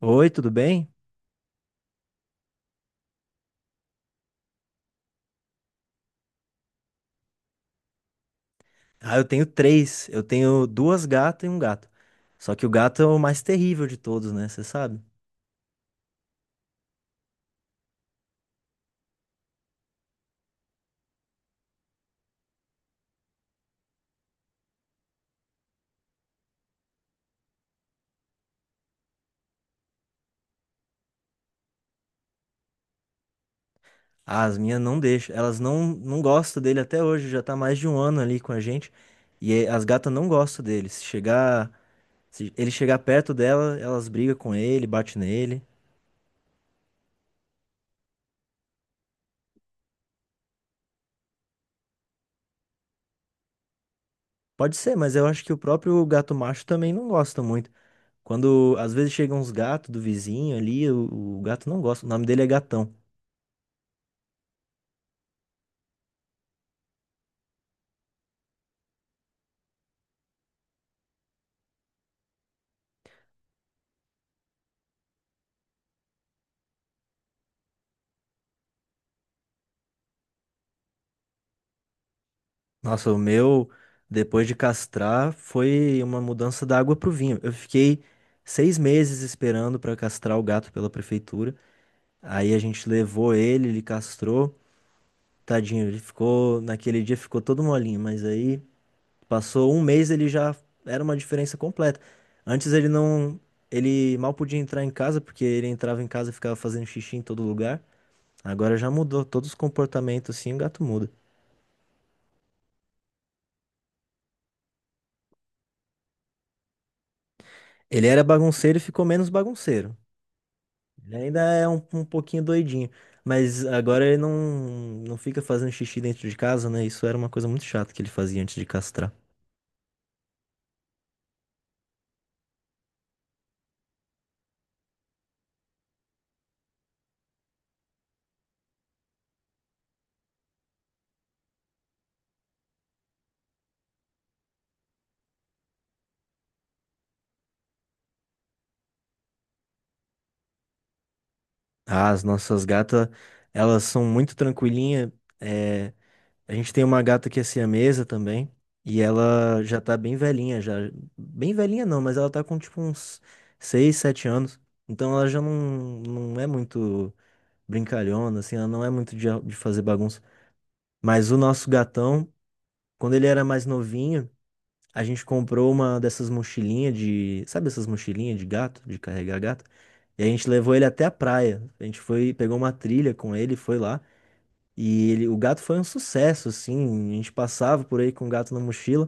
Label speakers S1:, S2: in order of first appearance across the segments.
S1: Oi, tudo bem? Ah, eu tenho três. Eu tenho duas gatas e um gato. Só que o gato é o mais terrível de todos, né? Você sabe? Ah, as minhas não deixam. Elas não gostam dele até hoje. Já tá mais de um ano ali com a gente. E as gatas não gostam dele. Se ele chegar perto dela, elas brigam com ele, batem nele. Pode ser, mas eu acho que o próprio gato macho também não gosta muito. Quando às vezes chegam uns gatos do vizinho ali, o gato não gosta. O nome dele é Gatão. Nossa, o meu, depois de castrar, foi uma mudança da água pro vinho. Eu fiquei 6 meses esperando pra castrar o gato pela prefeitura. Aí a gente levou ele, ele castrou. Tadinho, ele ficou, naquele dia ficou todo molinho, mas aí passou um mês, ele já era uma diferença completa. Antes ele não, ele mal podia entrar em casa, porque ele entrava em casa e ficava fazendo xixi em todo lugar. Agora já mudou, todos os comportamentos assim, o gato muda. Ele era bagunceiro e ficou menos bagunceiro. Ele ainda é um pouquinho doidinho. Mas agora ele não fica fazendo xixi dentro de casa, né? Isso era uma coisa muito chata que ele fazia antes de castrar. Ah, as nossas gatas, elas são muito tranquilinhas. É, a gente tem uma gata que é siamesa também. E ela já tá bem velhinha, já. Bem velhinha não, mas ela tá com tipo uns 6, 7 anos. Então ela já não é muito brincalhona, assim, ela não é muito de fazer bagunça. Mas o nosso gatão, quando ele era mais novinho. A gente comprou uma dessas mochilinhas de. Sabe essas mochilinhas de gato, de carregar gato? E a gente levou ele até a praia. A gente foi, pegou uma trilha com ele, foi lá. E ele, o gato foi um sucesso, assim. A gente passava por aí com o gato na mochila.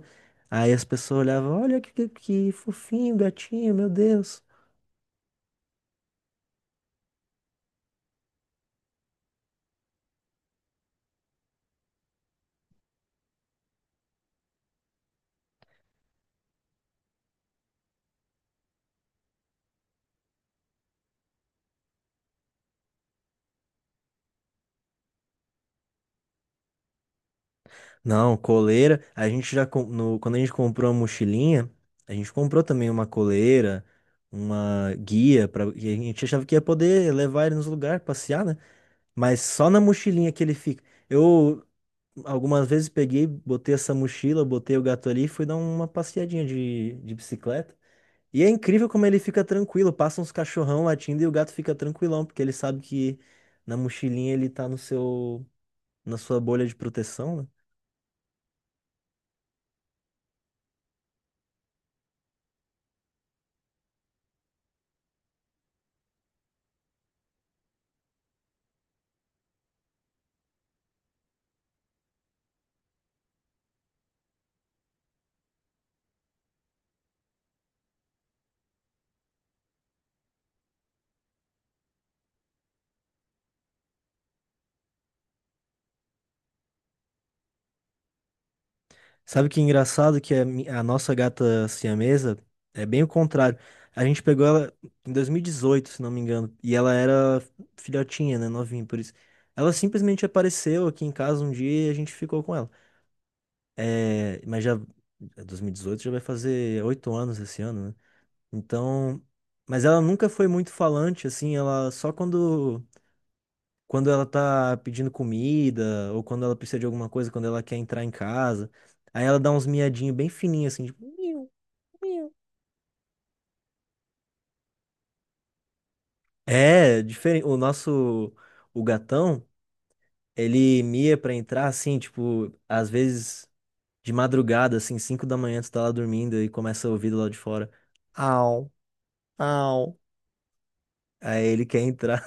S1: Aí as pessoas olhavam: olha que fofinho, gatinho, meu Deus. Não, coleira. A gente já. Com- No, quando a gente comprou a mochilinha, a gente comprou também uma coleira, uma guia, e a gente achava que ia poder levar ele nos lugares, passear, né? Mas só na mochilinha que ele fica. Eu algumas vezes peguei, botei essa mochila, botei o gato ali e fui dar uma passeadinha de bicicleta. E é incrível como ele fica tranquilo. Passa uns cachorrão latindo e o gato fica tranquilão, porque ele sabe que na mochilinha ele tá no seu, na sua bolha de proteção, né? Sabe que engraçado que a nossa gata siamesa é bem o contrário. A gente pegou ela em 2018, se não me engano, e ela era filhotinha, né, novinha, por isso. Ela simplesmente apareceu aqui em casa um dia e a gente ficou com ela. É, mas já, é 2018 já vai fazer 8 anos esse ano, né? Então, mas ela nunca foi muito falante, assim, ela só quando ela tá pedindo comida, ou quando ela precisa de alguma coisa, quando ela quer entrar em casa. Aí ela dá uns miadinhos bem fininhos, assim, tipo, miu, miu. É, diferente. O nosso, o gatão, ele mia pra entrar, assim, tipo, às vezes de madrugada, assim, 5 da manhã, tu tá lá dormindo e começa a ouvir do lado de fora. Au, au. Aí ele quer entrar.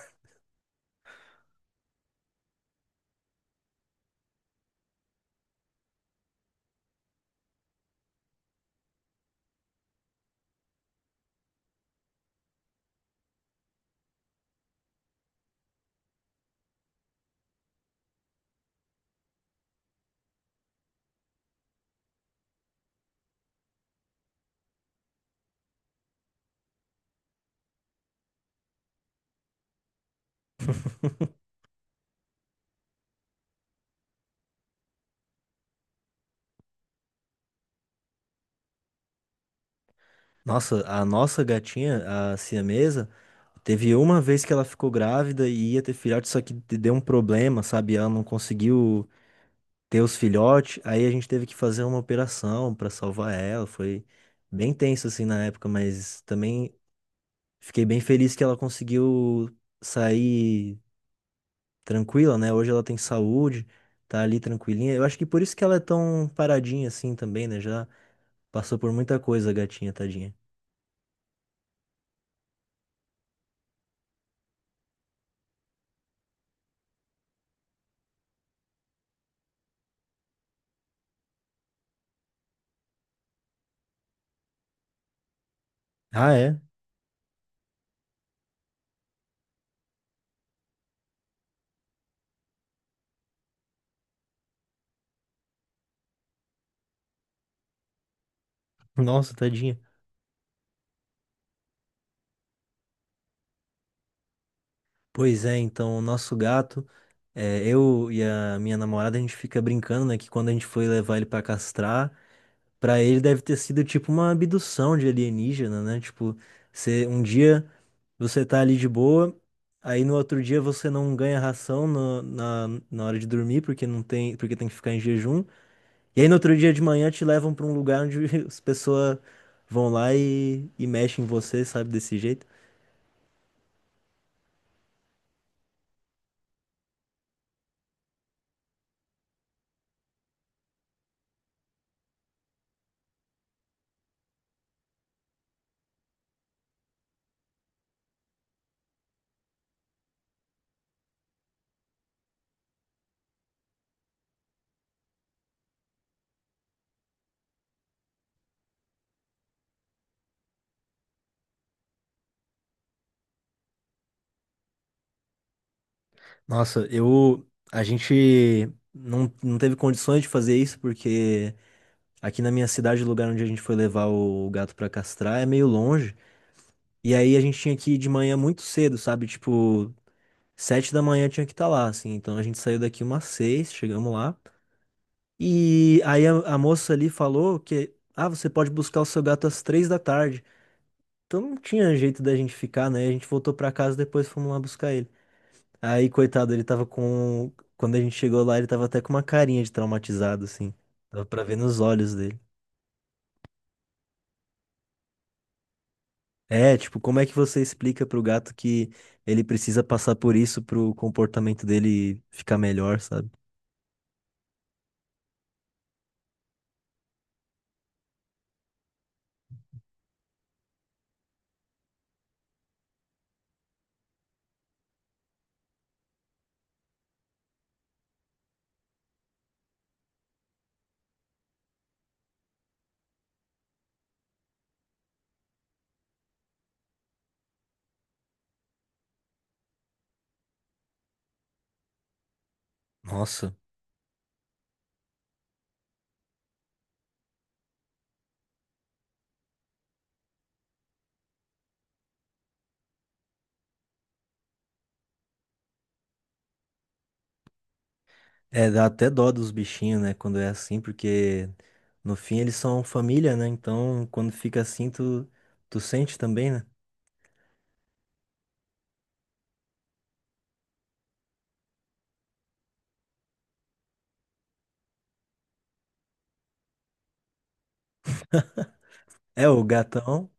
S1: Nossa, a nossa gatinha, a siamesa, teve uma vez que ela ficou grávida e ia ter filhote, só que deu um problema, sabe? Ela não conseguiu ter os filhotes, aí a gente teve que fazer uma operação pra salvar ela. Foi bem tenso assim na época, mas também fiquei bem feliz que ela conseguiu sair tranquila, né? Hoje ela tem saúde, tá ali tranquilinha. Eu acho que por isso que ela é tão paradinha assim também, né? Já passou por muita coisa a gatinha, tadinha. Ah, é? Nossa, tadinha. Pois é, então, o nosso gato, é, eu e a minha namorada, a gente fica brincando, né, que quando a gente foi levar ele pra castrar, pra ele deve ter sido tipo uma abdução de alienígena, né? Tipo, você, um dia você tá ali de boa, aí no outro dia você não ganha ração na hora de dormir, porque não tem, porque tem que ficar em jejum. E aí no outro dia de manhã te levam pra um lugar onde as pessoas vão lá e mexem em você, sabe, desse jeito. Nossa, eu. A gente não teve condições de fazer isso, porque aqui na minha cidade, o lugar onde a gente foi levar o gato pra castrar é meio longe. E aí a gente tinha que ir de manhã muito cedo, sabe? Tipo, 7 da manhã tinha que estar lá, assim. Então a gente saiu daqui umas 6, chegamos lá. E aí a moça ali falou que, ah, você pode buscar o seu gato às 3 da tarde. Então não tinha jeito da gente ficar, né? A gente voltou pra casa depois fomos lá buscar ele. Aí, coitado, ele tava com. Quando a gente chegou lá, ele tava até com uma carinha de traumatizado, assim. Dava pra ver nos olhos dele. É, tipo, como é que você explica pro gato que ele precisa passar por isso pro comportamento dele ficar melhor, sabe? Nossa. É, dá até dó dos bichinhos, né, quando é assim, porque no fim eles são família, né? Então, quando fica assim, tu sente também, né? É, o gatão.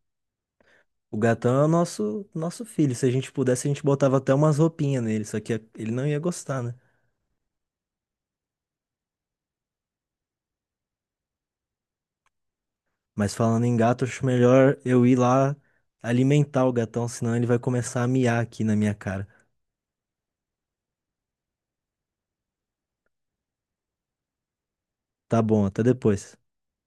S1: O gatão é o nosso filho. Se a gente pudesse, a gente botava até umas roupinhas nele, só que ele não ia gostar, né? Mas falando em gato, acho melhor eu ir lá alimentar o gatão, senão ele vai começar a miar aqui na minha cara. Tá bom, até depois.